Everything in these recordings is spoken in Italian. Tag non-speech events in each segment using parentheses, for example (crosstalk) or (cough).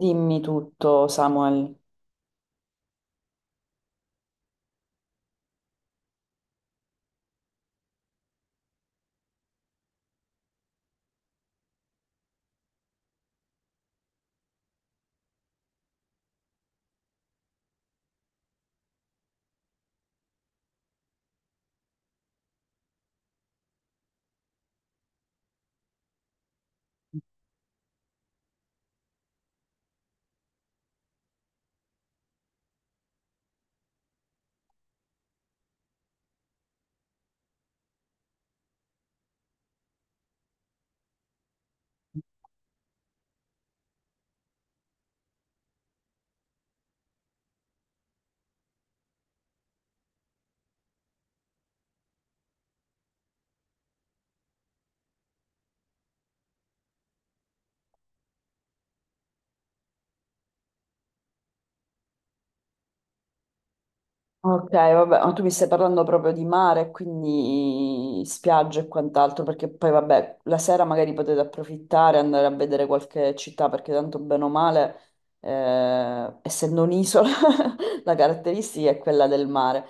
Dimmi tutto, Samuel. Ok, vabbè, ma tu mi stai parlando proprio di mare, quindi spiagge e quant'altro, perché poi vabbè, la sera magari potete approfittare, andare a vedere qualche città, perché tanto bene o male, essendo un'isola, (laughs) la caratteristica è quella del mare.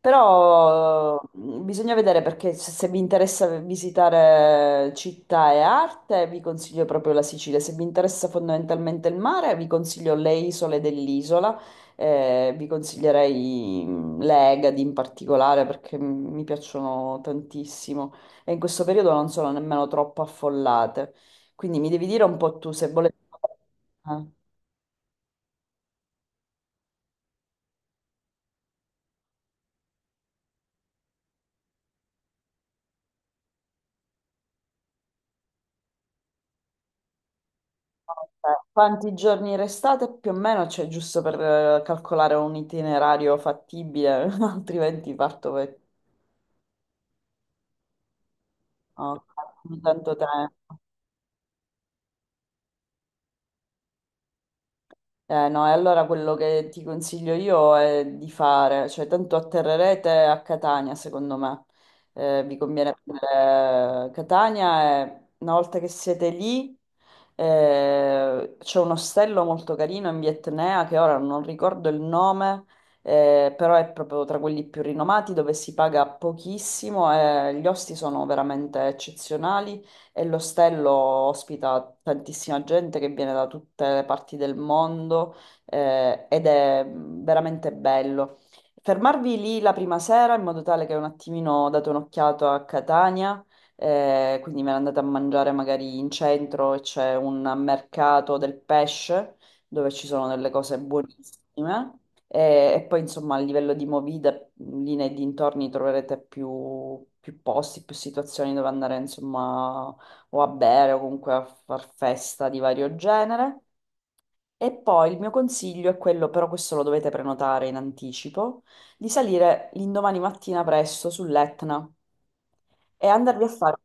Però mm, bisogna vedere perché se vi interessa visitare città e arte, vi consiglio proprio la Sicilia. Se vi interessa fondamentalmente il mare, vi consiglio le isole dell'isola. Vi consiglierei mm, l'Egadi in particolare perché mm, mi piacciono tantissimo e in questo periodo non sono nemmeno troppo affollate. Quindi mi devi dire un po' tu se volete eh, quanti giorni restate più o meno, cioè giusto per calcolare un itinerario fattibile, (laughs) altrimenti parto per oh, tanto tempo. No, e allora quello che ti consiglio io è di fare, cioè tanto atterrerete a Catania, secondo me. Vi conviene prendere Catania e una volta che siete lì c'è un ostello molto carino in via Etnea che ora non ricordo il nome, però è proprio tra quelli più rinomati dove si paga pochissimo e gli osti sono veramente eccezionali e l'ostello ospita tantissima gente che viene da tutte le parti del mondo ed è veramente bello. Fermarvi lì la prima sera in modo tale che un attimino date un'occhiata a Catania, quindi me ne andate a mangiare magari in centro e c'è un mercato del pesce dove ci sono delle cose buonissime. E poi insomma a livello di movida, lì nei dintorni troverete più posti, più situazioni dove andare insomma o a bere o comunque a far festa di vario genere. E poi il mio consiglio è quello, però questo lo dovete prenotare in anticipo, di salire l'indomani mattina presto sull'Etna e andarvi a fare...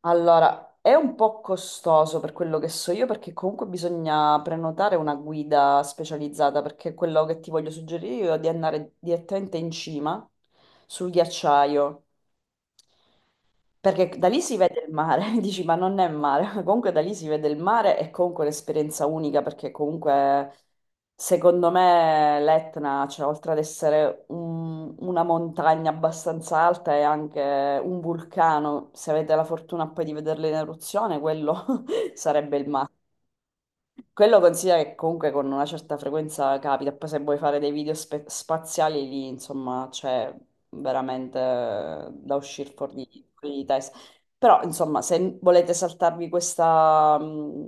Allora, è un po' costoso per quello che so io, perché comunque bisogna prenotare una guida specializzata, perché quello che ti voglio suggerire io è di andare direttamente in cima sul ghiacciaio. Perché da lì si vede il mare, (laughs) dici, ma non è mare, (laughs) comunque da lì si vede il mare è comunque un'esperienza unica perché comunque secondo me l'Etna, cioè oltre ad essere una montagna abbastanza alta è anche un vulcano, se avete la fortuna poi di vederlo in eruzione, quello (laughs) sarebbe il massimo. Quello considera che comunque con una certa frequenza capita, poi se vuoi fare dei video spaziali lì, insomma, c'è veramente da uscire fuori, fuori di testa. Però, insomma, se volete saltarvi questa, mh,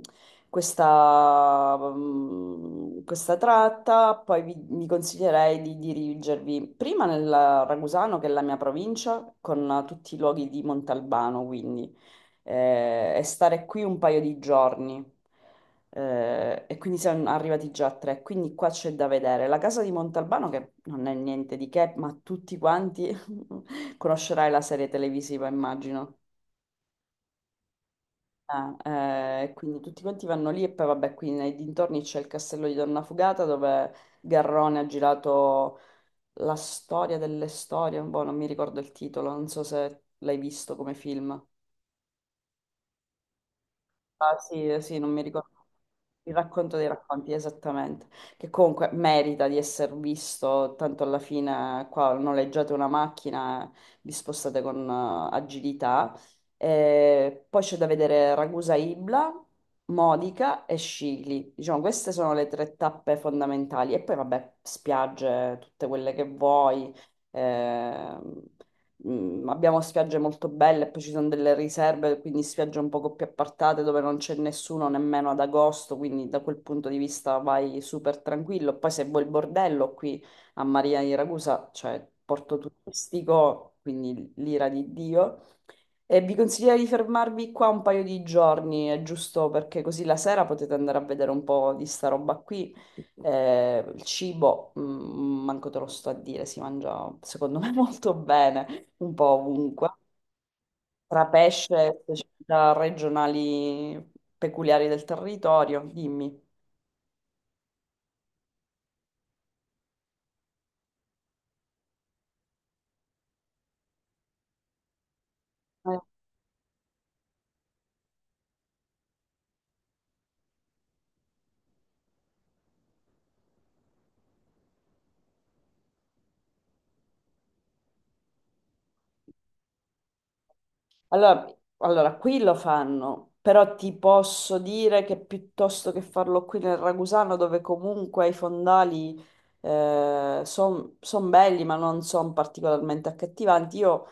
questa, mh, questa tratta, poi vi consiglierei di dirigervi prima nel Ragusano, che è la mia provincia, con tutti i luoghi di Montalbano, quindi, e stare qui un paio di giorni. E quindi sono arrivati già a tre, quindi qua c'è da vedere. La casa di Montalbano, che non è niente di che, ma tutti quanti (laughs) conoscerai la serie televisiva, immagino. Ah, quindi tutti quanti vanno lì e poi vabbè, qui nei dintorni c'è il castello di Donna Fugata dove Garrone ha girato la storia delle storie, boh, non mi ricordo il titolo, non so se l'hai visto come film. Ah, sì, sì, non mi ricordo. Il racconto dei racconti, esattamente, che comunque merita di essere visto, tanto alla fine qua noleggiate una macchina, vi spostate con agilità. Poi c'è da vedere Ragusa Ibla, Modica e Scicli. Diciamo, queste sono le tre tappe fondamentali. E poi vabbè, spiagge, tutte quelle che vuoi. ehm, Abbiamo spiagge molto belle, poi ci sono delle riserve, quindi spiagge un poco più appartate dove non c'è nessuno nemmeno ad agosto, quindi da quel punto di vista vai super tranquillo. Poi se vuoi il bordello qui a Maria di Ragusa, cioè porto turistico, quindi l'ira di Dio. E vi consiglio di fermarvi qua un paio di giorni, è giusto perché così la sera potete andare a vedere un po' di sta roba qui. Il cibo, mm, manco te lo sto a dire, si mangia secondo me (laughs) molto bene un po' ovunque, tra pesce e specialità regionali peculiari del territorio, dimmi. Eh. Allora, allora, qui lo fanno, però ti posso dire che piuttosto che farlo qui nel Ragusano, dove comunque i fondali sono belli, ma non sono particolarmente accattivanti, io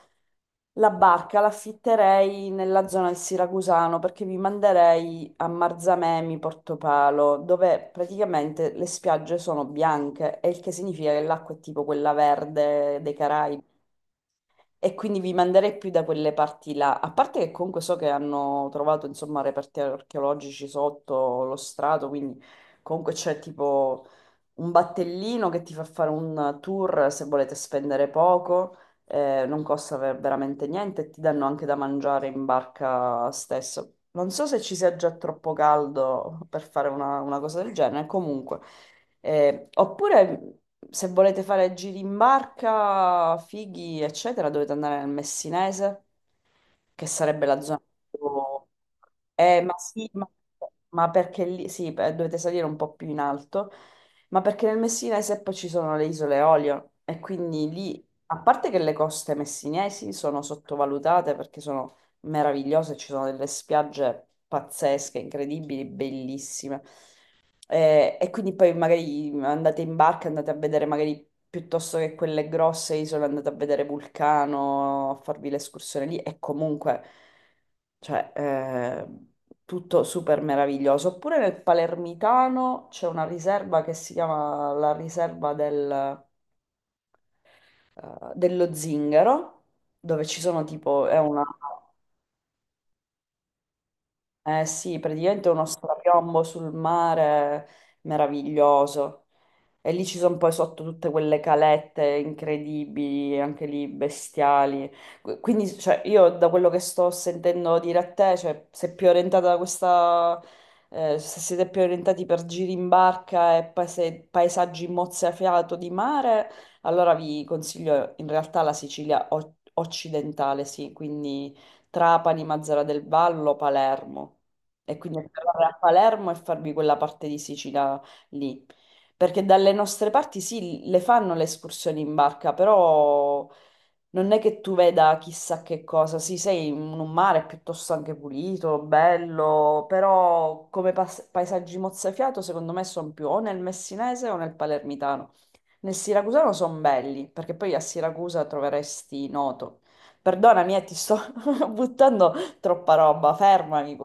la barca l'affitterei nella zona del Siracusano perché vi manderei a Marzamemi, Portopalo, dove praticamente le spiagge sono bianche, e il che significa che l'acqua è tipo quella verde dei Caraibi. E quindi vi manderei più da quelle parti là. A parte che comunque so che hanno trovato, insomma, reperti archeologici sotto lo strato, quindi comunque c'è tipo un battellino che ti fa fare un tour se volete spendere poco, non costa veramente niente e ti danno anche da mangiare in barca stesso. Non so se ci sia già troppo caldo per fare una cosa del genere, comunque. Oppure se volete fare giri in barca, fighi, eccetera, dovete andare nel Messinese, che sarebbe la zona più eh, ma sì, ma, ma perché lì sì, dovete salire un po' più in alto ma perché nel Messinese poi ci sono le isole Eolie e quindi lì, a parte che le coste messinesi sono sottovalutate perché sono meravigliose, ci sono delle spiagge pazzesche, incredibili, bellissime. Quindi poi magari andate in barca, andate a vedere magari piuttosto che quelle grosse isole, andate a vedere Vulcano, a farvi l'escursione lì e comunque cioè eh, tutto super meraviglioso. Oppure nel Palermitano c'è una riserva che si chiama la riserva dello Zingaro, dove ci sono tipo, è una, eh sì, praticamente uno strapiombo sul mare meraviglioso. E lì ci sono poi sotto tutte quelle calette incredibili, anche lì bestiali. Quindi, cioè, io da quello che sto sentendo dire a te, cioè, sei più orientata da questa... Se siete più orientati per giri in barca e paesaggi mozzafiato di mare, allora vi consiglio in realtà la Sicilia occidentale, sì, quindi Trapani, Mazara del Vallo, Palermo. E quindi andare a Palermo e farvi quella parte di Sicilia lì. Perché dalle nostre parti sì, le fanno le escursioni in barca, però non è che tu veda chissà che cosa. Sì, sei in un mare piuttosto anche pulito, bello, però come paesaggi mozzafiato secondo me sono più o nel messinese o nel palermitano. Nel siracusano sono belli, perché poi a Siracusa troveresti Noto. Perdonami, ti sto (laughs) buttando troppa roba, fermami.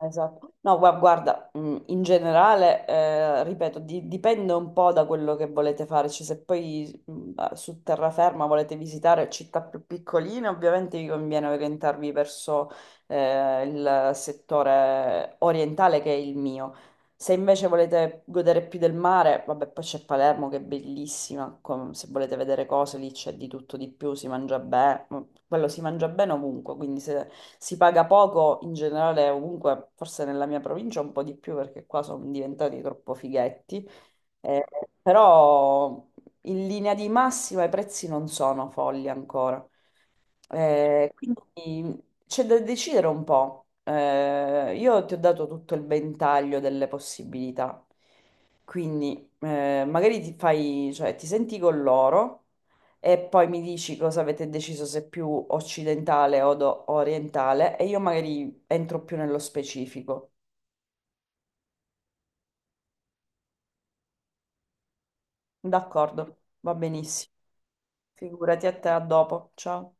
Esatto. No, guarda, in generale, ripeto, dipende un po' da quello che volete fare, cioè se poi su terraferma volete visitare città più piccoline, ovviamente vi conviene orientarvi verso il settore orientale che è il mio. Se invece volete godere più del mare, vabbè, poi c'è Palermo che è bellissima, se volete vedere cose lì c'è di tutto di più, si mangia bene, quello si mangia bene ovunque, quindi se si paga poco in generale ovunque, forse nella mia provincia un po' di più perché qua sono diventati troppo fighetti, Eh, però in linea di massima i prezzi non sono folli ancora. Quindi c'è da decidere un po'. Io ti ho dato tutto il ventaglio delle possibilità, quindi magari ti fai, cioè, ti senti con loro e poi mi dici cosa avete deciso, se più occidentale o orientale, e io magari entro più nello specifico. D'accordo, va benissimo. Figurati a te, a dopo. Ciao.